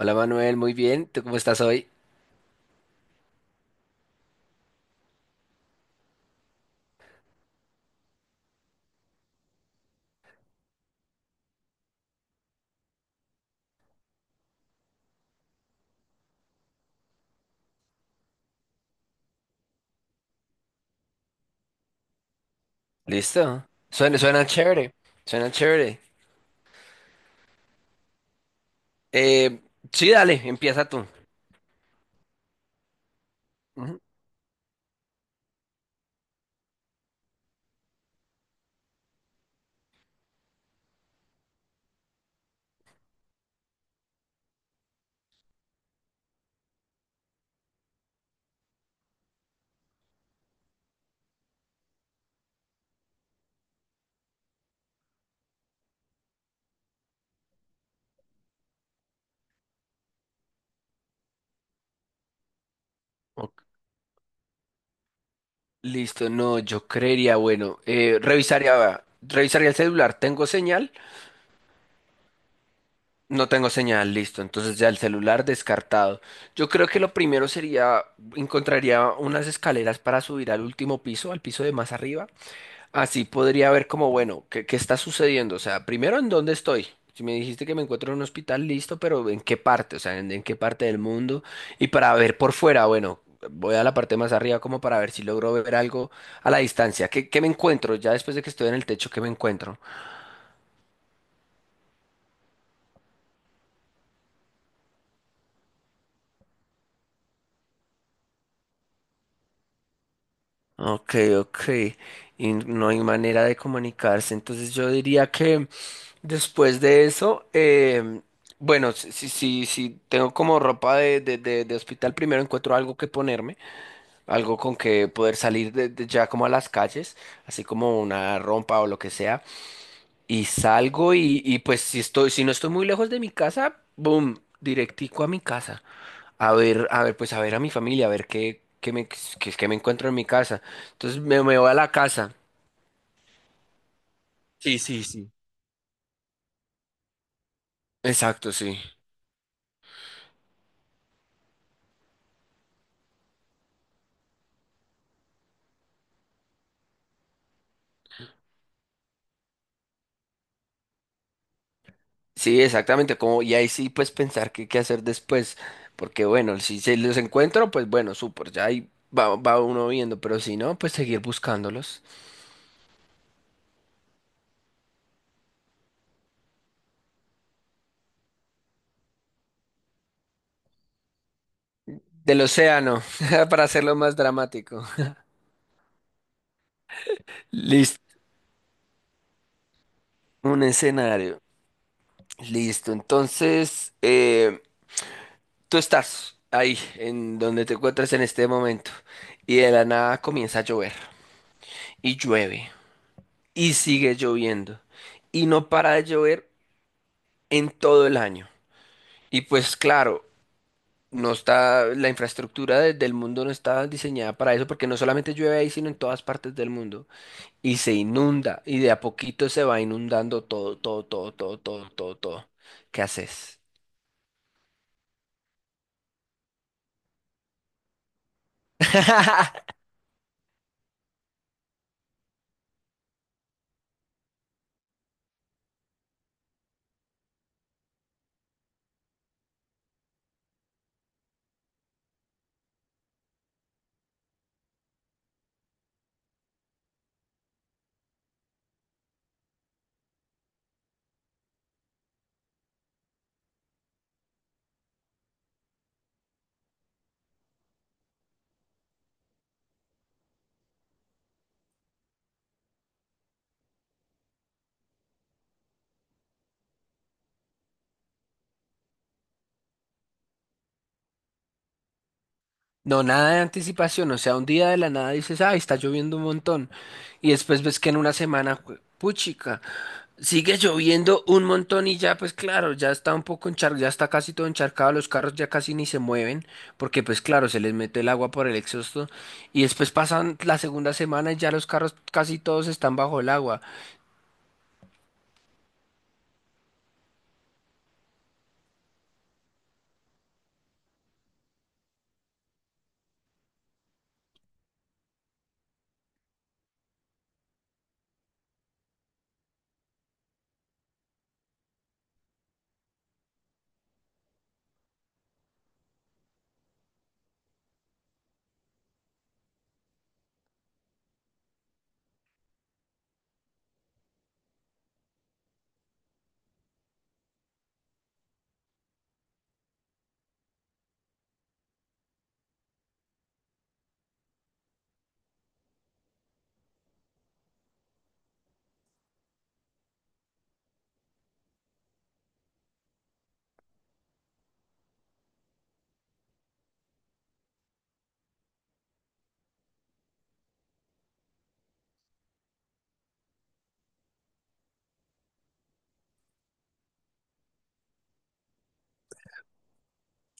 Hola Manuel, muy bien. ¿Tú cómo estás hoy? ¿Listo? Suena chévere. Suena chévere. Eh, sí, dale, empieza tú. Ujú. Ok. Listo, no, yo creería, bueno, revisaría el celular. ¿Tengo señal? No tengo señal, listo. Entonces ya el celular descartado. Yo creo que lo primero sería, encontraría unas escaleras para subir al último piso, al piso de más arriba. Así podría ver como, bueno, ¿qué está sucediendo? O sea, primero, ¿en dónde estoy? Si me dijiste que me encuentro en un hospital, listo, pero ¿en qué parte? O sea, ¿en qué parte del mundo? Y para ver por fuera, bueno, voy a la parte más arriba como para ver si logro ver algo a la distancia. ¿Qué me encuentro? Ya después de que estoy en el techo, ¿qué me encuentro? Ok, ok. Y no hay manera de comunicarse. Entonces yo diría que después de eso, bueno, si tengo como ropa de hospital, primero encuentro algo que ponerme, algo con que poder salir de ya como a las calles, así como una rompa o lo que sea. Y salgo y pues si estoy, si no estoy muy lejos de mi casa, boom, directico a mi casa. A ver, pues a ver a mi familia, a ver qué me encuentro en mi casa. Entonces me voy a la casa. Sí, sí, sí. Exacto, sí. Sí, exactamente, como, y ahí sí pues pensar qué hacer después, porque bueno, si se los encuentro, pues bueno, súper, ya ahí va uno viendo, pero si no, pues seguir buscándolos. Del océano, para hacerlo más dramático. Listo, un escenario. Listo, entonces, tú estás ahí, en donde te encuentras en este momento, y de la nada comienza a llover, y llueve, y sigue lloviendo, y no para de llover en todo el año. Y pues claro, no está, la infraestructura del mundo no está diseñada para eso, porque no solamente llueve ahí, sino en todas partes del mundo, y se inunda, y de a poquito se va inundando todo, todo, todo, todo, todo, todo, todo. ¿Qué haces? No, nada de anticipación, o sea, un día de la nada dices, ay, está lloviendo un montón, y después ves que en una semana, puchica, sigue lloviendo un montón y ya, pues claro, ya está un poco encharcado, ya está casi todo encharcado, los carros ya casi ni se mueven, porque pues claro, se les mete el agua por el exhausto, y después pasan la segunda semana y ya los carros casi todos están bajo el agua.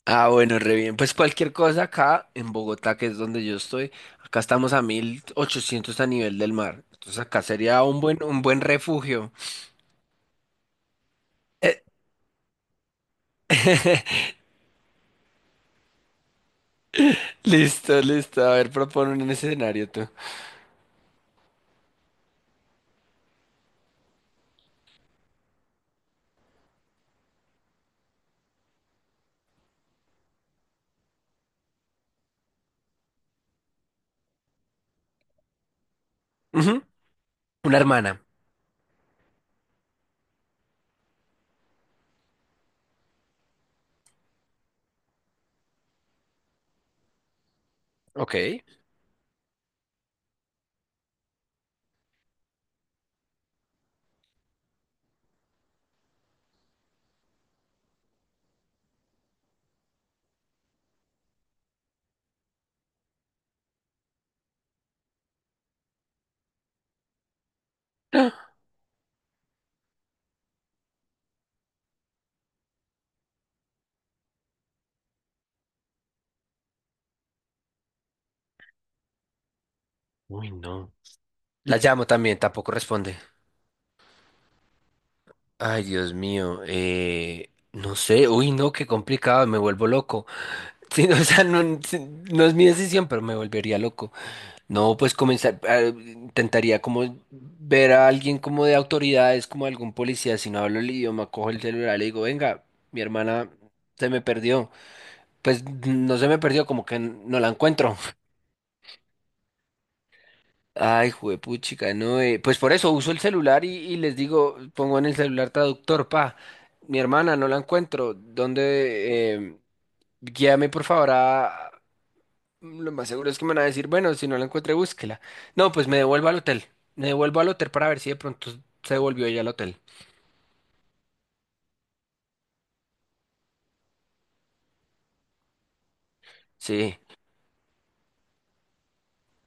Ah, bueno, re bien. Pues cualquier cosa acá en Bogotá, que es donde yo estoy, acá estamos a 1.800 a nivel del mar. Entonces acá sería un buen refugio. Eh, Listo, listo. A ver, propone un escenario tú. Ujú. Una hermana. Ok. Uy, no. La llamo también, tampoco responde. Ay, Dios mío. No sé. Uy, no, qué complicado. Me vuelvo loco. Sí, o sea, no, sí, no es mi decisión, pero me volvería loco. No, pues comenzar, ah, intentaría como ver a alguien como de autoridades, como algún policía, si no hablo el idioma, cojo el celular y le digo, venga, mi hermana se me perdió. Pues no se me perdió, como que no la encuentro. Ay, juepuchica, no, pues por eso uso el celular y les digo, pongo en el celular traductor, pa, mi hermana no la encuentro, ¿dónde? Guíame por favor a, lo más seguro es que me van a decir, bueno, si no la encuentre, búsquela. No, pues me devuelvo al hotel. Me devuelvo al hotel para ver si de pronto se devolvió ella al hotel. Sí.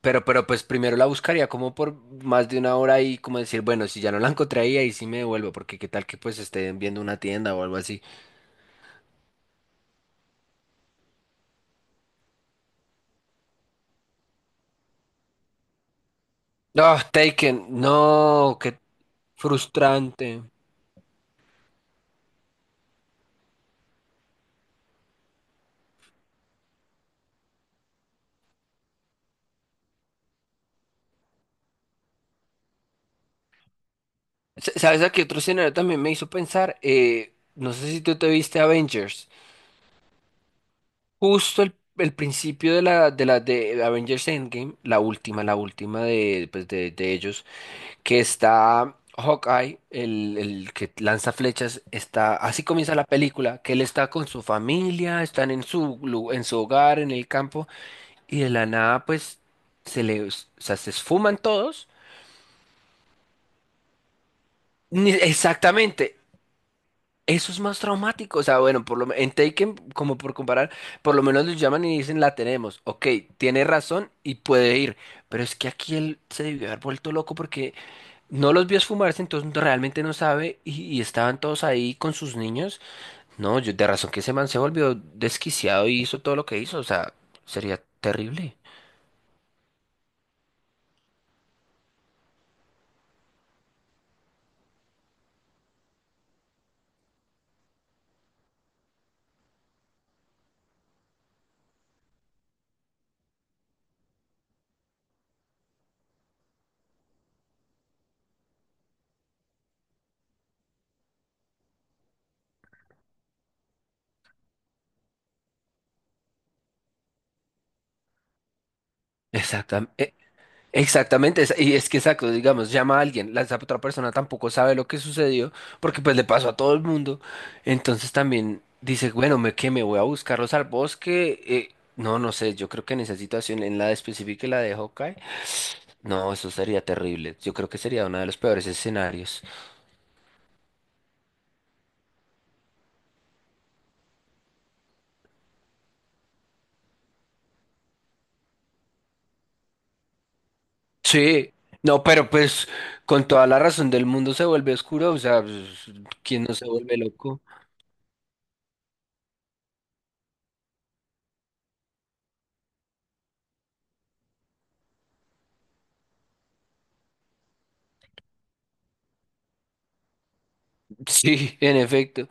Pero pues primero la buscaría como por más de 1 hora y como decir, bueno, si ya no la encontré ahí, ahí sí me devuelvo, porque qué tal que pues estén viendo una tienda o algo así. No, Taken, no, qué frustrante. ¿Sabes a qué otro escenario también me hizo pensar? No sé si tú te viste Avengers. Justo el principio de la de Avengers Endgame, la última de, de ellos, que está Hawkeye, el que lanza flechas, está, así comienza la película, que él está con su familia, están en su hogar, en el campo, y de la nada, pues, o sea, se esfuman todos. Exactamente. Eso es más traumático, o sea, bueno, en Taken, como por comparar, por lo menos le llaman y dicen la tenemos, ok, tiene razón y puede ir, pero es que aquí él se debió haber vuelto loco porque no los vio esfumarse, entonces realmente no sabe y estaban todos ahí con sus niños, no, yo de razón que ese man se volvió desquiciado y hizo todo lo que hizo, o sea, sería terrible. Exactamente. Exactamente, y es que exacto, digamos, llama a alguien, la esa otra persona tampoco sabe lo que sucedió, porque pues le pasó a todo el mundo, entonces también dice, bueno, que me voy a buscarlos al bosque, no, no sé, yo creo que en esa situación, en la específica y la de Hawkeye, no, eso sería terrible, yo creo que sería uno de los peores escenarios. Sí, no, pero pues con toda la razón del mundo se vuelve oscuro, o sea, pues, ¿quién no se vuelve loco? Sí, en efecto.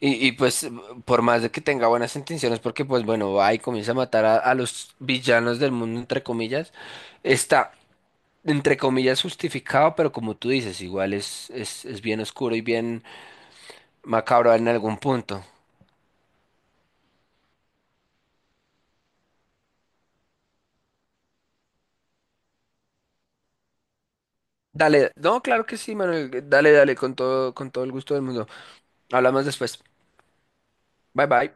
Y pues por más de que tenga buenas intenciones, porque pues bueno, va y comienza a matar a los villanos del mundo, entre comillas, está, entre comillas, justificado, pero como tú dices, igual es bien oscuro y bien macabro en algún punto. Dale, no, claro que sí, Manuel, dale, dale, con todo el gusto del mundo. Hablamos después. Bye bye.